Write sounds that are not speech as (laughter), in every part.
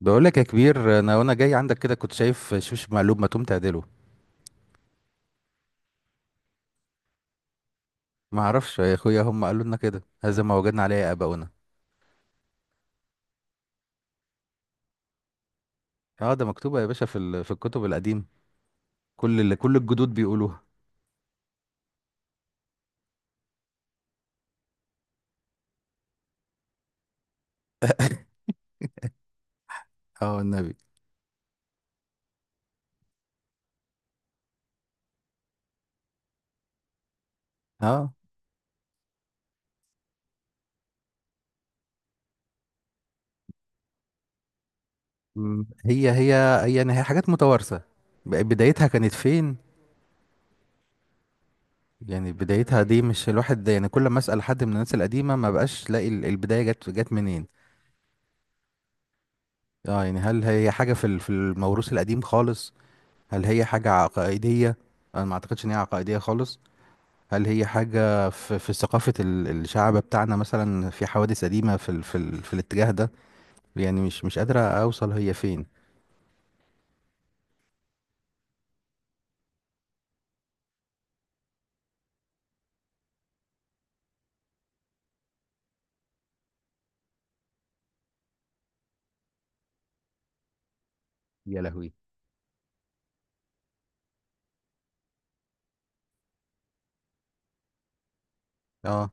بقول لك يا كبير، انا وانا جاي عندك كده كنت شايف شوش مقلوب. ما تقوم تعدله. ما اعرفش يا اخويا، هم قالوا لنا كده. هذا ما وجدنا عليه اباؤنا. اه، ده مكتوبه يا باشا في الكتب القديمه. كل الجدود بيقولوها. اه النبي. اه. مم. هي حاجات متوارثه. بدايتها كانت فين؟ يعني بدايتها دي، مش الواحد ده، يعني كل ما اسال حد من الناس القديمه ما بقاش لاقي البدايه جت منين. اه، يعني هل هي حاجه في الموروث القديم خالص؟ هل هي حاجه عقائديه؟ انا ما اعتقدش ان هي عقائديه خالص. هل هي حاجة في ثقافة الشعب بتاعنا، مثلا في حوادث قديمة في ال في, ال في الاتجاه ده؟ يعني مش قادرة أوصل هي فين. يا لهوي. اه،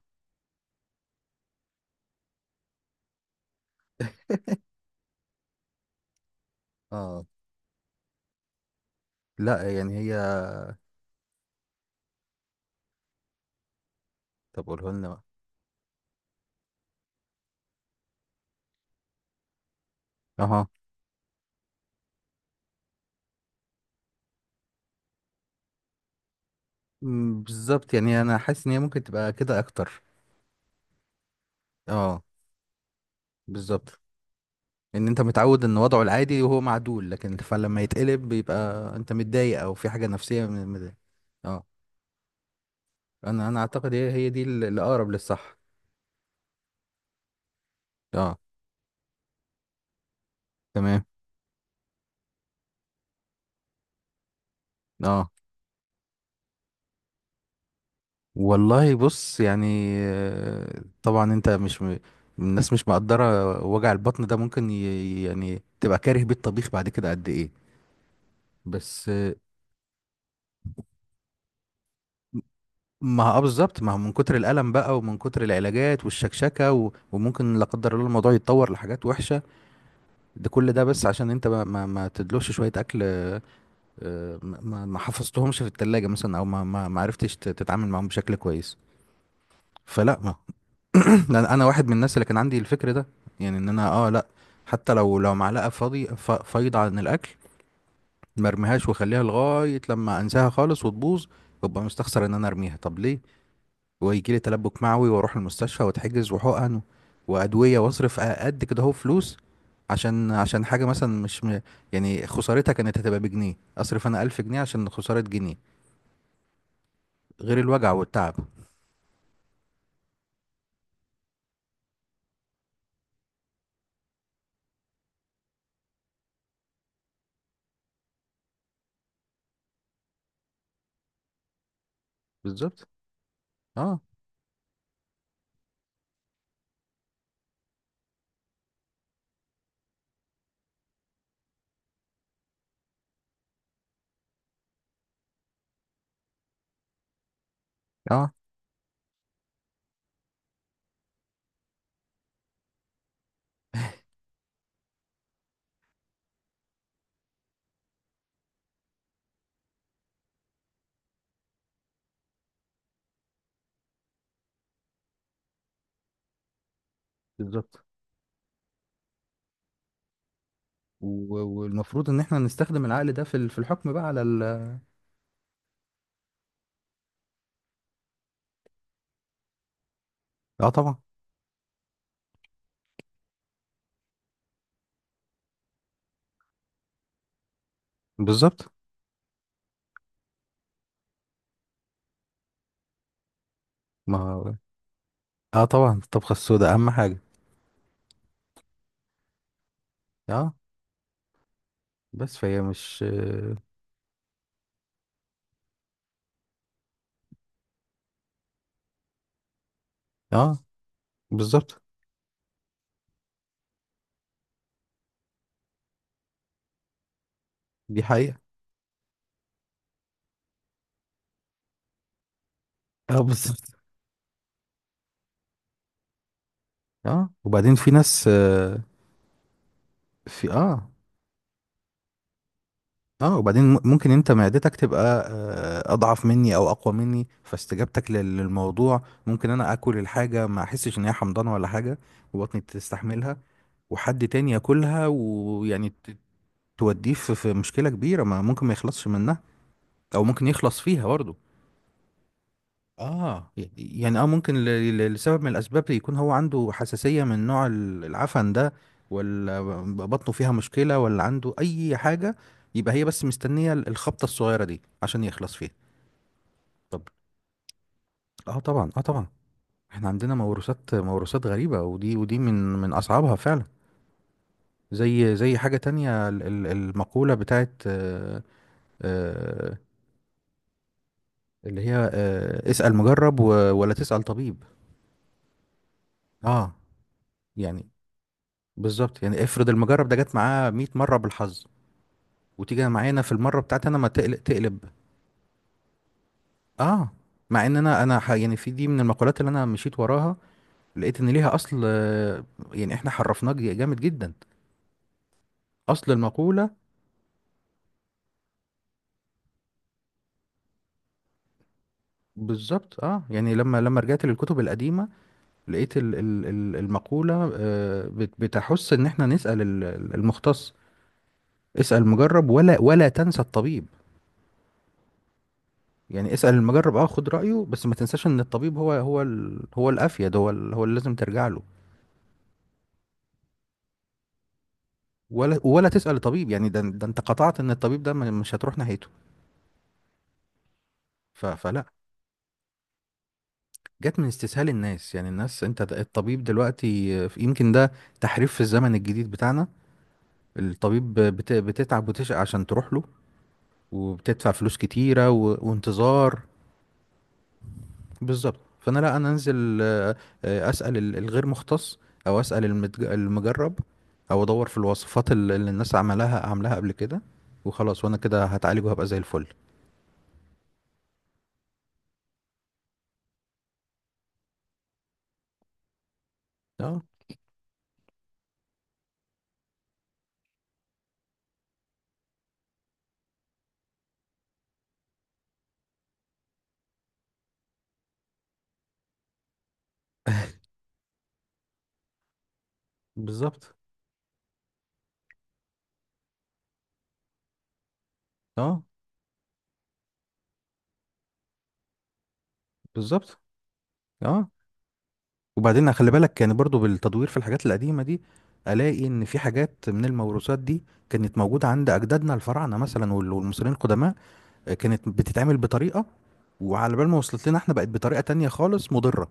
اه، لا يعني هي. طب قولها لنا بقى. اها. مم، بالظبط، يعني أنا حاسس إن هي ممكن تبقى كده أكتر. اه، بالظبط. إن أنت متعود إن وضعه العادي وهو معدول، لكن فلما يتقلب بيبقى أنت متضايق أو في حاجة نفسية اه. أنا أعتقد هي دي اللي أقرب للصح. اه، تمام. اه، والله بص، يعني طبعا انت مش الناس مش مقدرة وجع البطن ده، ممكن يعني تبقى كاره بيه الطبيخ بعد كده قد ايه. بس ما هو بالظبط، ما هو من كتر الألم بقى، ومن كتر العلاجات والشكشكة، وممكن لا قدر الله الموضوع يتطور لحاجات وحشة. ده كل ده بس عشان انت ما تدلوش شوية أكل ما حفظتهمش في التلاجة مثلا، أو ما عرفتش تتعامل معاهم بشكل كويس. فلا. (clears throat) لان انا واحد من الناس اللي كان عندي الفكر ده. يعني ان انا لا. حتى لو معلقه فاضي، فايضه عن الاكل، ما ارميهاش واخليها لغايه لما انساها خالص وتبوظ. وابقى مستخسر ان انا ارميها. طب ليه؟ ويجي لي تلبك معوي واروح المستشفى واتحجز، وحقن وادويه واصرف قد كده اهو فلوس. عشان حاجه مثلا مش يعني خسارتها كانت هتبقى بجنيه. اصرف انا 1000 جنيه عشان خساره جنيه، غير الوجع والتعب. بالظبط. اه، اه، بالظبط. والمفروض ان احنا نستخدم العقل ده في الحكم بقى على ال. اه طبعا. بالظبط. ما هو- اه طبعا، الطبخة السوداء اهم حاجة. اه، بس فهي مش اه. آه، بالظبط. دي حقيقة. اه، بالظبط. اه، وبعدين في ناس آه. في اه. اه، وبعدين ممكن انت معدتك تبقى اضعف مني او اقوى مني. فاستجابتك للموضوع، ممكن انا اكل الحاجة ما احسش ان هي حمضانة ولا حاجة وبطني تستحملها، وحد تاني ياكلها ويعني توديه في مشكلة كبيرة ما ممكن ما يخلصش منها. او ممكن يخلص فيها برضه. اه، يعني، ممكن لسبب من الاسباب يكون هو عنده حساسية من نوع العفن ده. ولا بطنه فيها مشكلة، ولا عنده اي حاجة. يبقى هي بس مستنية الخبطة الصغيرة دي عشان يخلص فيها. طب. اه طبعا، اه طبعا. احنا عندنا موروثات، غريبة، ودي من اصعبها فعلا. زي حاجة تانية المقولة بتاعت، اللي هي اسأل مجرب، ولا تسأل طبيب. اه يعني. بالظبط، يعني افرض المجرب ده جت معاه 100 مرة بالحظ، وتيجي معانا في المرة بتاعتي انا، ما تقلب تقلب. اه. مع ان انا يعني في دي من المقولات اللي انا مشيت وراها، لقيت ان ليها اصل يعني احنا حرفناه جامد جدا، اصل المقولة. بالظبط، اه يعني لما رجعت للكتب القديمة، لقيت المقولة بتحث ان احنا نسأل المختص. اسأل مجرب ولا تنسى الطبيب. يعني اسأل المجرب، خد رأيه، بس ما تنساش ان الطبيب هو هو الافيد، هو اللي لازم ترجع له. ولا تسأل الطبيب، يعني ده انت قطعت ان الطبيب ده مش هتروح ناحيته. فلا. جت من استسهال الناس، يعني الناس انت الطبيب دلوقتي يمكن ده تحريف في الزمن الجديد بتاعنا. الطبيب بتتعب وتشقى عشان تروح له، وبتدفع فلوس كتيرة و... وانتظار. بالظبط. فانا، لا، انا انزل اسال الغير مختص، او اسال المجرب، او ادور في الوصفات اللي الناس عاملاها قبل كده، وخلاص وانا كده هتعالج وهبقى زي الفل. اه بالظبط. اه بالظبط. اه، وبعدين خلي بالك يعني برضو بالتدوير في الحاجات القديمه دي، الاقي ان في حاجات من الموروثات دي كانت موجوده عند اجدادنا الفراعنه مثلا والمصريين القدماء. كانت بتتعمل بطريقه، وعلى بال ما وصلت لنا احنا بقت بطريقه تانية خالص مضره.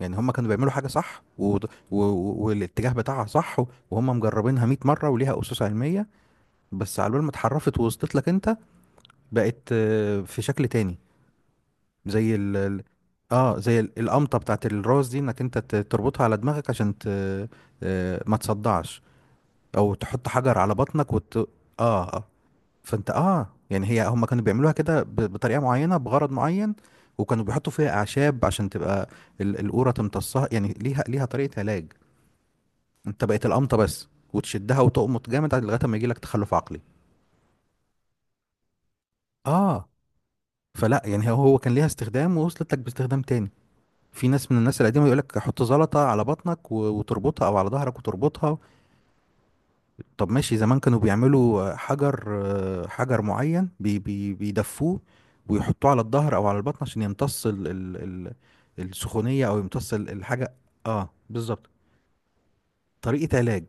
يعني هم كانوا بيعملوا حاجة صح، والاتجاه بتاعها صح، وهم مجربينها 100 مرة وليها أسس علمية. بس على بال ما اتحرفت ووصلت لك انت، بقت في شكل تاني. زي ال... ال- اه، زي القمطة بتاعت الراس دي، انك انت تربطها على دماغك عشان ما تصدعش، او تحط حجر على بطنك اه. آه. فانت يعني هم كانوا بيعملوها كده بطريقة معينة، بغرض معين، وكانوا بيحطوا فيها أعشاب عشان تبقى القورة تمتصها. يعني ليها، طريقة علاج. انت بقيت القمطه بس، وتشدها وتقمط جامد لغايه ما يجي لك تخلف عقلي. اه. فلا يعني هو كان ليها استخدام، ووصلت لك باستخدام تاني. في ناس من الناس القديمه يقول لك حط زلطه على بطنك وتربطها، او على ظهرك وتربطها. طب ماشي، زمان كانوا بيعملوا حجر، حجر معين، بي بي بيدفوه ويحطوه على الظهر او على البطن عشان يمتص ال ال ال السخونيه، او يمتص الحاجه. اه، بالظبط. طريقه علاج.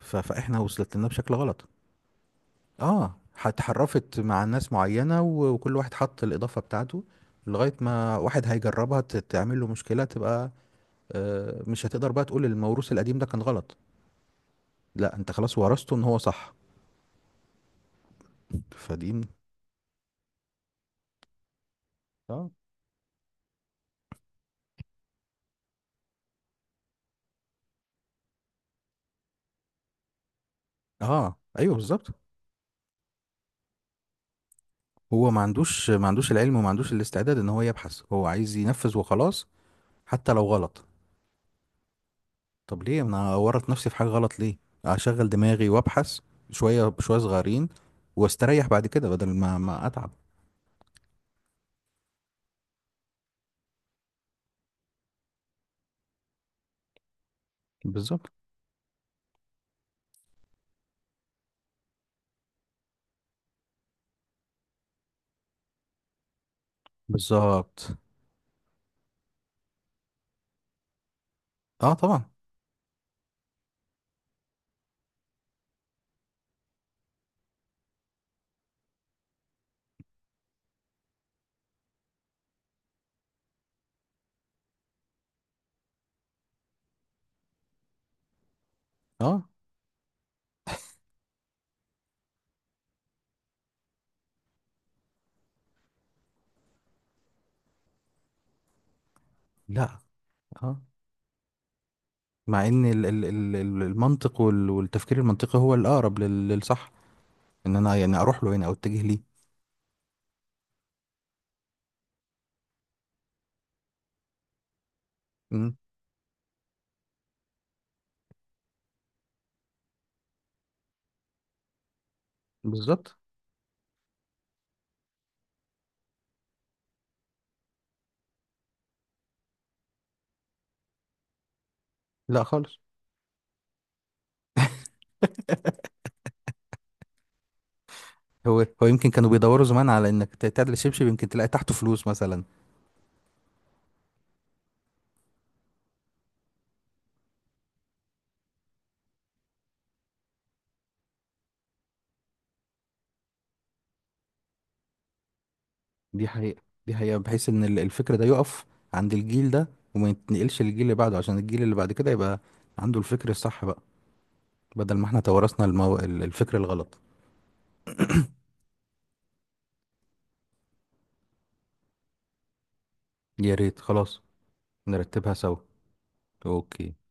فاحنا وصلت لنا بشكل غلط. اه. اتحرفت مع ناس معينة، وكل واحد حط الإضافة بتاعته لغاية ما واحد هيجربها تعمل له مشكلة. تبقى مش هتقدر بقى تقول الموروث القديم ده كان غلط، لا، انت خلاص ورثته ان هو صح. فدي اه. اه ايوه، بالظبط. هو ما عندوش العلم، وما عندوش الاستعداد ان هو يبحث، هو عايز ينفذ وخلاص، حتى لو غلط. طب ليه انا اورط نفسي في حاجة غلط؟ ليه؟ اشغل دماغي وابحث شوية بشوية صغيرين، واستريح بعد كده بدل ما اتعب. بالظبط. بالظبط. اه طبعا. اه لا. اه. مع ان المنطق والتفكير المنطقي هو الاقرب للصح، ان انا يعني اروح له يعني او اتجه ليه. مم، بالظبط. لا خالص. هو يمكن كانوا بيدوروا زمان على انك تعدل الشبشب يمكن تلاقي تحته فلوس مثلا. دي حقيقة. دي حقيقة. بحيث ان الفكر ده يقف عند الجيل ده وما يتنقلش للجيل اللي بعده، عشان الجيل اللي بعد كده يبقى عنده الفكر الصح بقى، بدل ما احنا تورثنا الفكر الغلط. يا ريت، خلاص، نرتبها سوا. اوكي.